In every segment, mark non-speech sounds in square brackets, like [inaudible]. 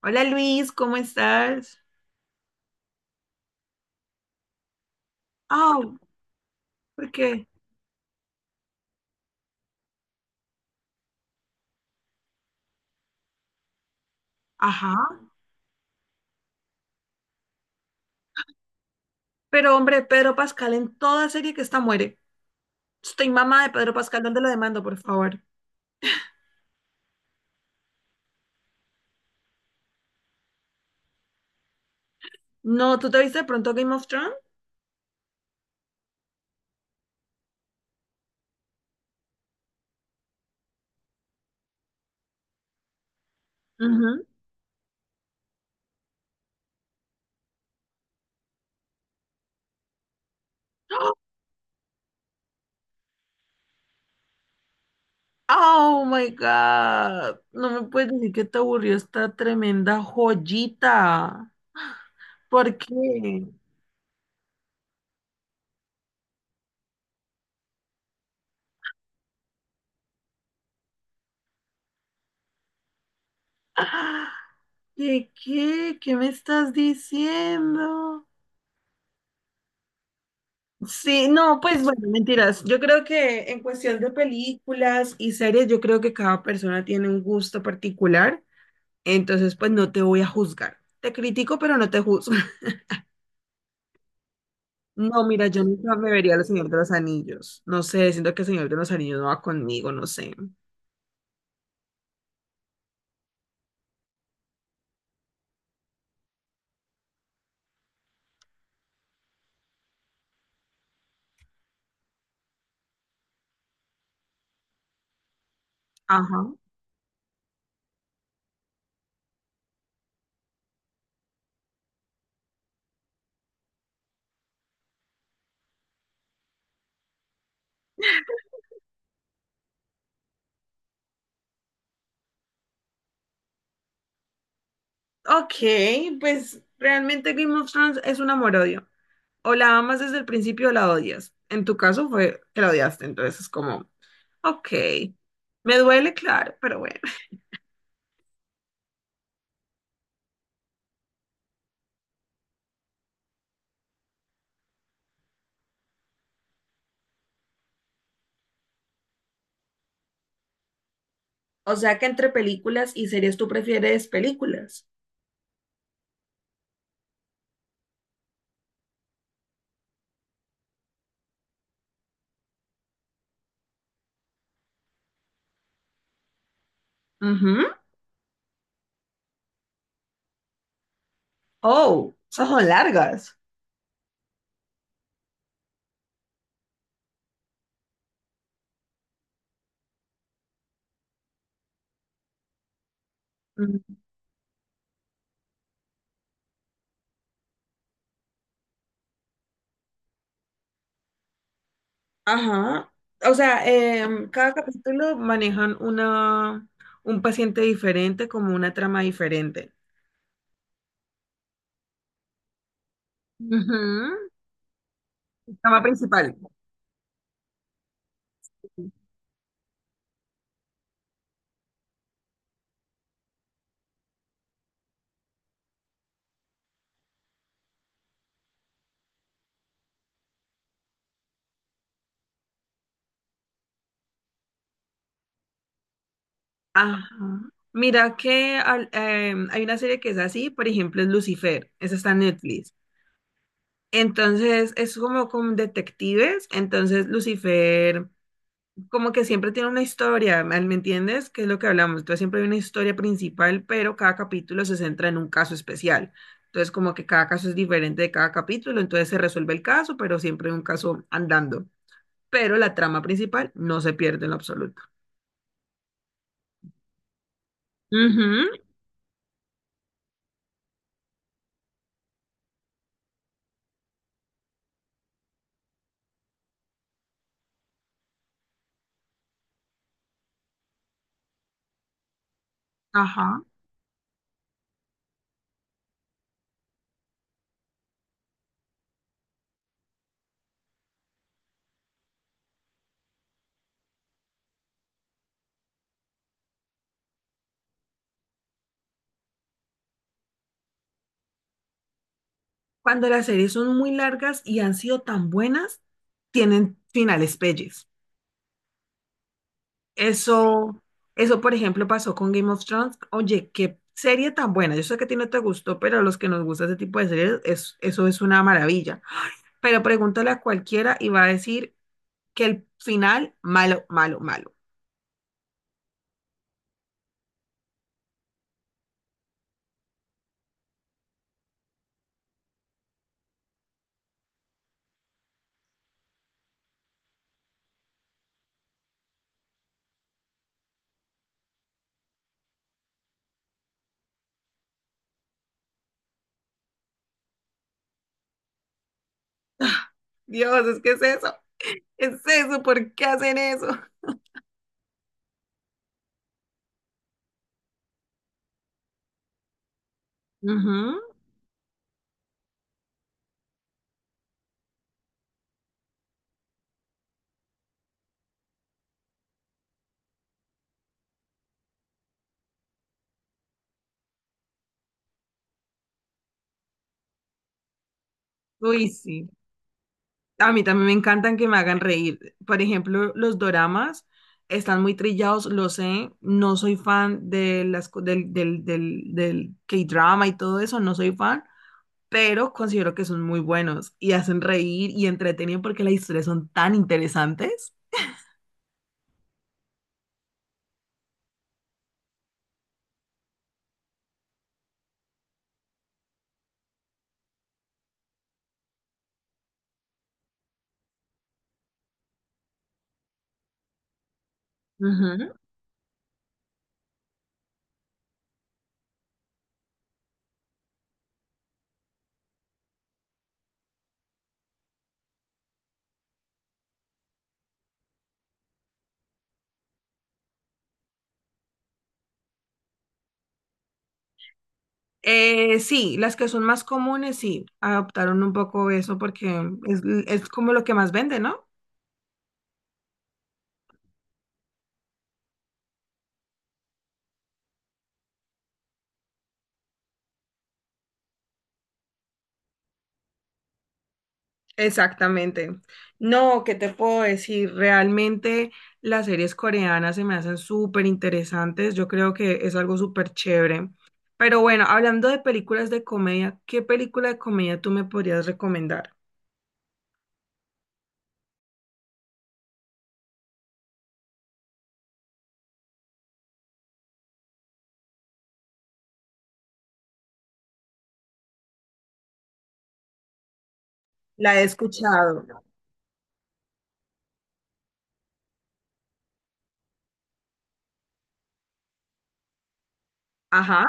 Hola Luis, ¿cómo estás? Ah, ¿por qué? Ajá. Pero hombre, Pedro Pascal en toda serie que está muere. Estoy mamá de Pedro Pascal, ¿dónde lo demando, por favor? No, ¿tú te viste de pronto Game of Thrones? Ujú. Oh my God. No me puedes decir que te aburrió esta tremenda joyita. ¿Por qué? ¿Qué? ¿Qué me estás diciendo? Sí, no, pues bueno, mentiras. Yo creo que en cuestión de películas y series, yo creo que cada persona tiene un gusto particular, entonces pues no te voy a juzgar. Te critico, pero no te juzgo. [laughs] No, mira, yo nunca me vería El Señor de los Anillos. No sé, siento que El Señor de los Anillos no va conmigo, no sé. Ajá. Ok, pues realmente Game of Thrones es un amor-odio. O la amas desde el principio o la odias. En tu caso fue que la odiaste, entonces es como, ok, me duele, claro, pero bueno. O sea que entre películas y series tú prefieres películas. Ujú. Oh, esas son largas. Mm. Ajá. O sea, cada capítulo manejan una, un paciente diferente, como una trama diferente. Ujú. Trama principal. Ajá. Mira que hay una serie que es así, por ejemplo, es Lucifer, esa está en Netflix. Entonces es como con detectives, entonces Lucifer como que siempre tiene una historia, ¿me entiendes? Que es lo que hablamos. Entonces siempre hay una historia principal, pero cada capítulo se centra en un caso especial. Entonces como que cada caso es diferente de cada capítulo, entonces se resuelve el caso, pero siempre hay un caso andando. Pero la trama principal no se pierde en lo absoluto. Ujú, ajá. Cuando las series son muy largas y han sido tan buenas, tienen finales pelles. Eso, eso, por ejemplo, pasó con Game of Thrones. Oye, qué serie tan buena. Yo sé que a ti no te gustó, pero a los que nos gusta ese tipo de series, eso es una maravilla. Pero pregúntale a cualquiera y va a decir que el final, malo, malo, malo. Dios, es que es eso. Es eso, ¿por qué hacen eso? Ujú. Uy, sí. A mí también me encantan que me hagan reír. Por ejemplo, los doramas están muy trillados, lo sé. No soy fan de las, del K-drama y todo eso, no soy fan, pero considero que son muy buenos y hacen reír y entretienen porque las historias son tan interesantes. Ujú. Sí, las que son más comunes, sí, adoptaron un poco eso porque es como lo que más vende, ¿no? Exactamente. No, ¿qué te puedo decir? Realmente las series coreanas se me hacen súper interesantes. Yo creo que es algo súper chévere. Pero bueno, hablando de películas de comedia, ¿qué película de comedia tú me podrías recomendar? La he escuchado. Ajá,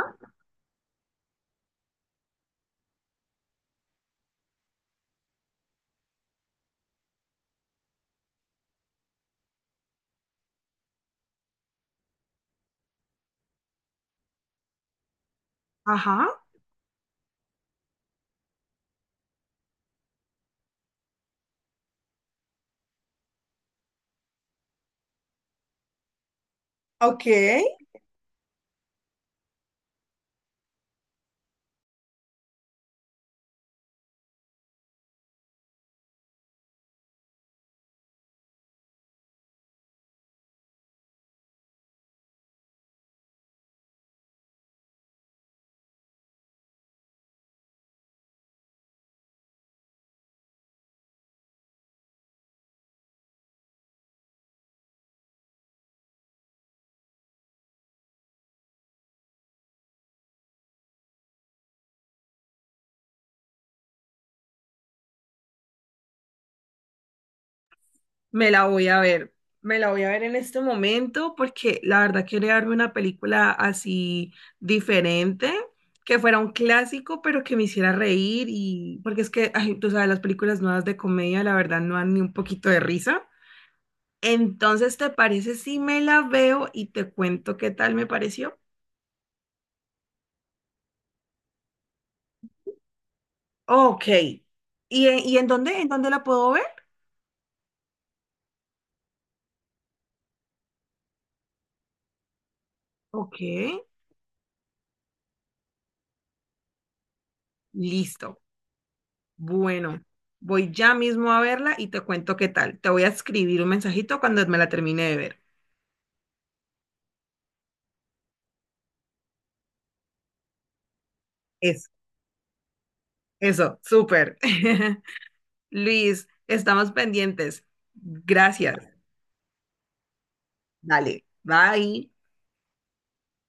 ajá. Ok. Me la voy a ver, me la voy a ver en este momento porque la verdad quería darme una película así diferente, que fuera un clásico, pero que me hiciera reír y porque es que, ay, tú sabes, las películas nuevas de comedia la verdad no dan ni un poquito de risa. Entonces, ¿te parece si me la veo y te cuento qué tal me pareció? Ok. Y en dónde la puedo ver? Ok, listo. Bueno, voy ya mismo a verla y te cuento qué tal. Te voy a escribir un mensajito cuando me la termine de ver. Eso, eso, súper. [laughs] Luis, estamos pendientes. Gracias. Dale, bye.